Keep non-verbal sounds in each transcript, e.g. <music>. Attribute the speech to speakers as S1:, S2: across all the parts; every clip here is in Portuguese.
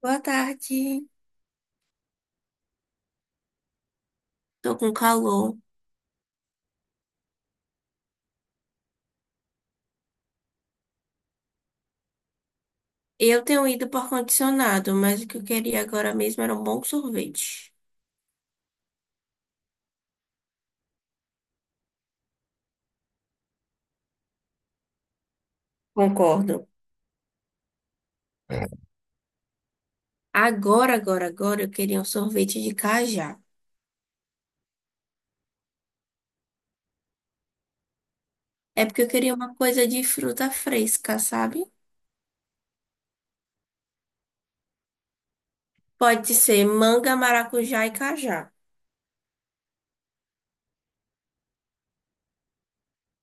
S1: Boa tarde. Tô com calor. Eu tenho ido por condicionado, mas o que eu queria agora mesmo era um bom sorvete. Concordo. Agora eu queria um sorvete de cajá. É porque eu queria uma coisa de fruta fresca, sabe? Pode ser manga, maracujá e cajá.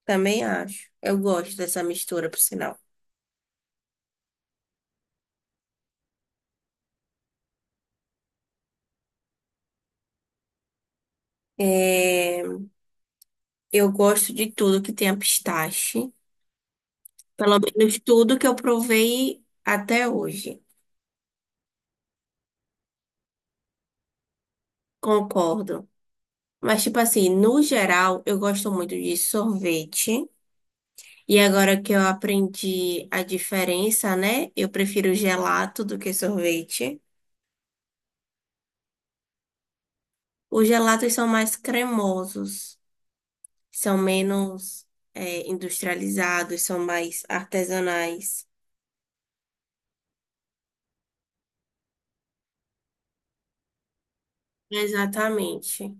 S1: Também acho. Eu gosto dessa mistura, por sinal. É, Eu gosto de tudo que tenha pistache. Pelo menos tudo que eu provei até hoje. Concordo. Mas, tipo assim, no geral, eu gosto muito de sorvete. E agora que eu aprendi a diferença, né? Eu prefiro gelato do que sorvete. Os gelatos são mais cremosos, são menos, industrializados, são mais artesanais. Exatamente.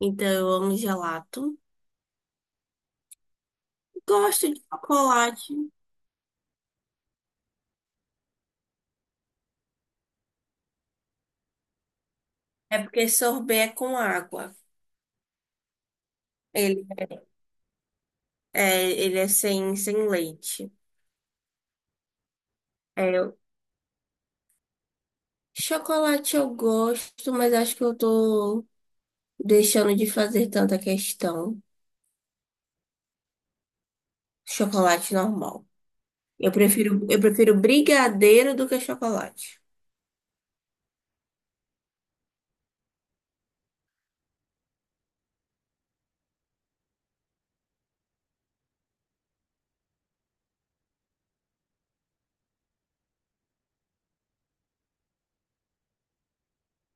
S1: Então, eu amo gelato. Gosto de chocolate. É porque sorvete é com água. Ele é, ele é sem leite. é Chocolate eu gosto, mas acho que eu tô deixando de fazer tanta questão. Chocolate normal. Eu prefiro brigadeiro do que chocolate.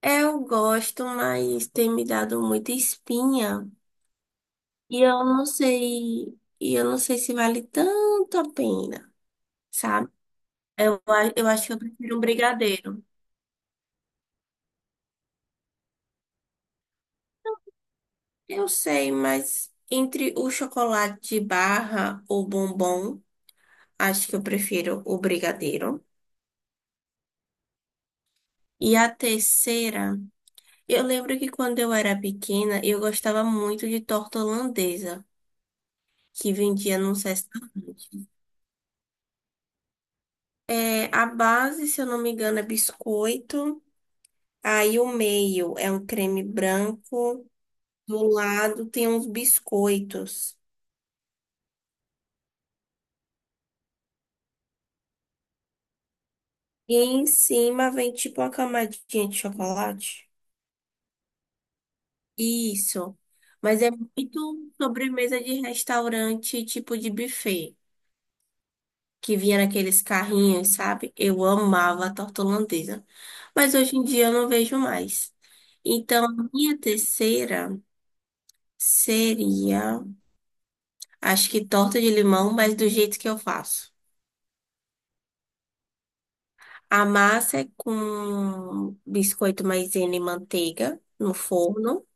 S1: Eu gosto, mas tem me dado muita espinha. E eu não sei se vale tanto a pena, sabe? Eu acho que eu prefiro um brigadeiro. Eu sei, mas entre o chocolate de barra ou bombom, acho que eu prefiro o brigadeiro. E a terceira, eu lembro que quando eu era pequena, eu gostava muito de torta holandesa, que vendia num restaurante. É, a base, se eu não me engano, é biscoito. Aí o meio é um creme branco. Do lado tem uns biscoitos. E em cima vem tipo uma camadinha de chocolate. Isso. Mas é muito sobremesa de restaurante, tipo de buffet, que vinha naqueles carrinhos, sabe? Eu amava a torta holandesa, mas hoje em dia eu não vejo mais. Então, a minha terceira seria, acho que torta de limão, mas do jeito que eu faço. A massa é com biscoito maisena e manteiga no forno.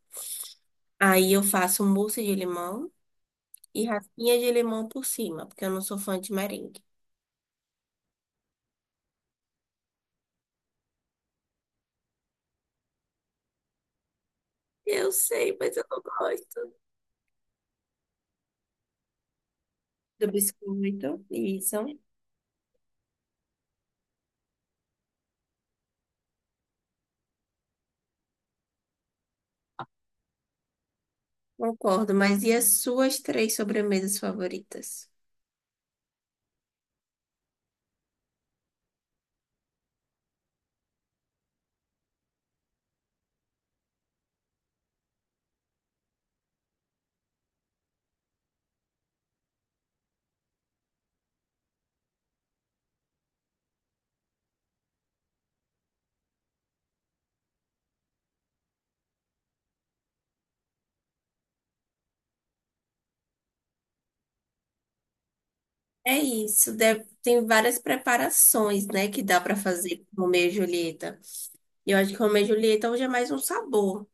S1: Aí eu faço mousse de limão e raspinha de limão por cima, porque eu não sou fã de merengue. Eu sei, mas eu não gosto do biscoito. Isso. Concordo, mas e as suas três sobremesas favoritas? É isso, tem várias preparações, né, que dá para fazer com Romeu e Julieta. E eu acho que Romeu e Julieta hoje é mais um sabor.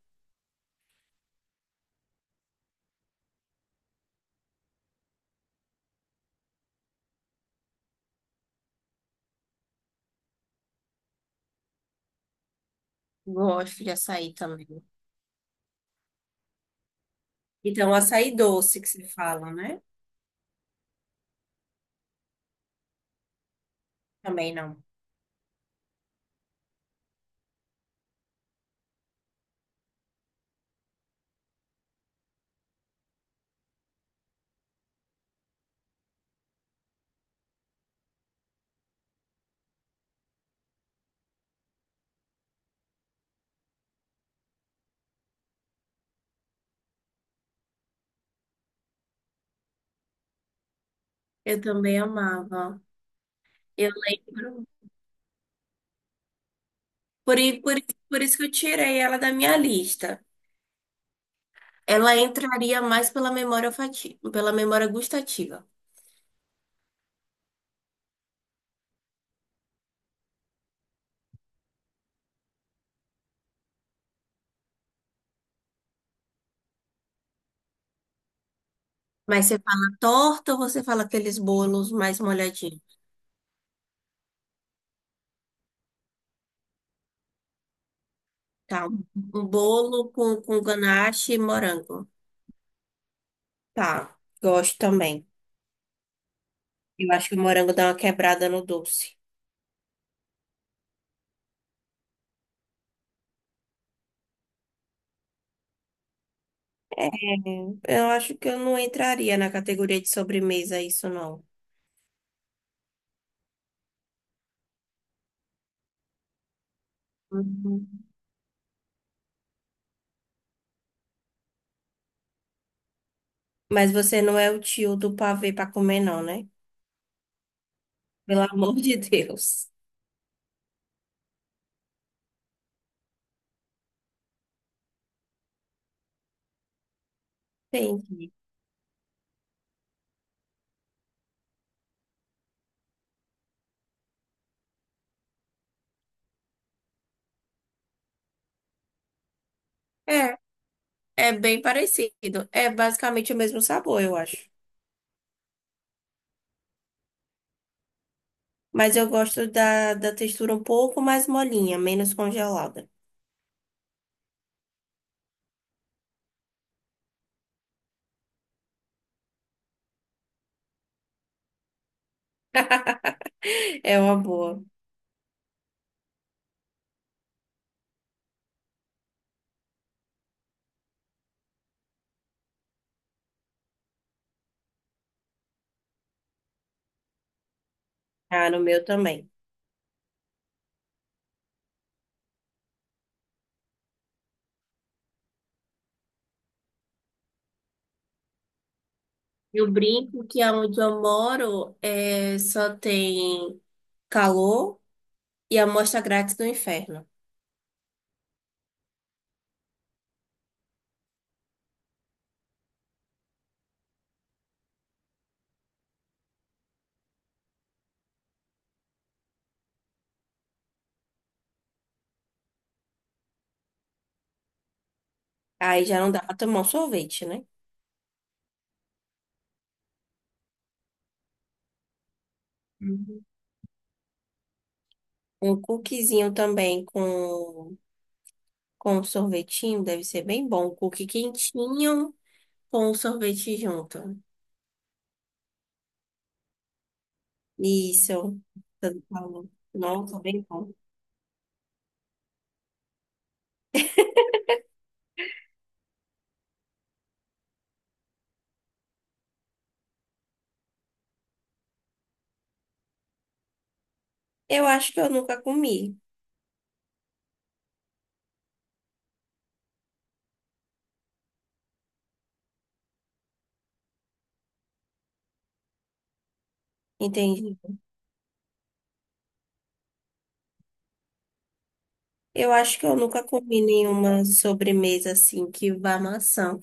S1: Gosto de açaí também. Então, açaí doce que se fala, né? Também não. Eu também amava. Eu lembro. Por isso que eu tirei ela da minha lista. Ela entraria mais pela memória olfativa, pela memória gustativa. Mas você fala torta ou você fala aqueles bolos mais molhadinhos? Tá. Um bolo com ganache e morango. Tá. Gosto também. Eu acho que o morango dá uma quebrada no doce. Eu acho que eu não entraria na categoria de sobremesa isso, não. Uhum. Mas você não é o tio do pavê para comer, não, né? Pelo amor de Deus. Entendi. É, é bem parecido. É basicamente o mesmo sabor, eu acho. Mas eu gosto da, da textura um pouco mais molinha, menos congelada. <laughs> É uma boa. Ah, no meu também. Eu brinco que aonde eu moro é, só tem calor e amostra grátis do inferno. Aí já não dá pra tomar um sorvete, né? Uhum. Um cookiezinho também com um sorvetinho deve ser bem bom. Um cookie quentinho com um sorvete junto. Isso. Tanto calor. Nossa, bem bom. Eu acho que eu nunca comi. Entendi. Eu acho que eu nunca comi nenhuma sobremesa assim que vá maçã.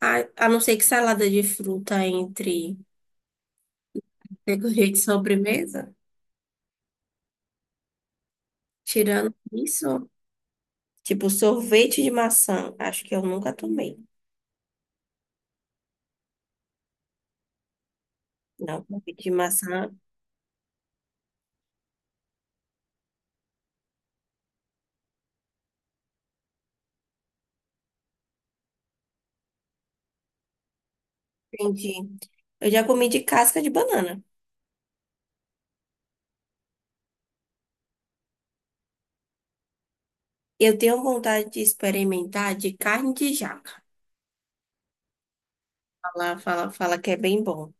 S1: A não ser que salada de fruta entre categoria de sobremesa. Tirando isso, tipo sorvete de maçã. Acho que eu nunca tomei. Não, sorvete de maçã. Entendi. Eu já comi de casca de banana. Eu tenho vontade de experimentar de carne de jaca. Fala, fala, fala que é bem bom.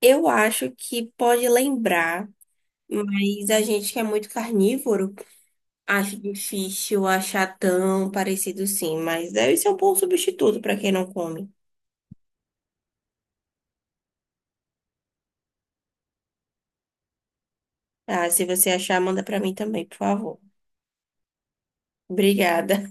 S1: Eu acho que pode lembrar, mas a gente que é muito carnívoro. Acho difícil achar tão parecido sim, mas deve ser um bom substituto para quem não come. Ah, se você achar, manda para mim também, por favor. Obrigada.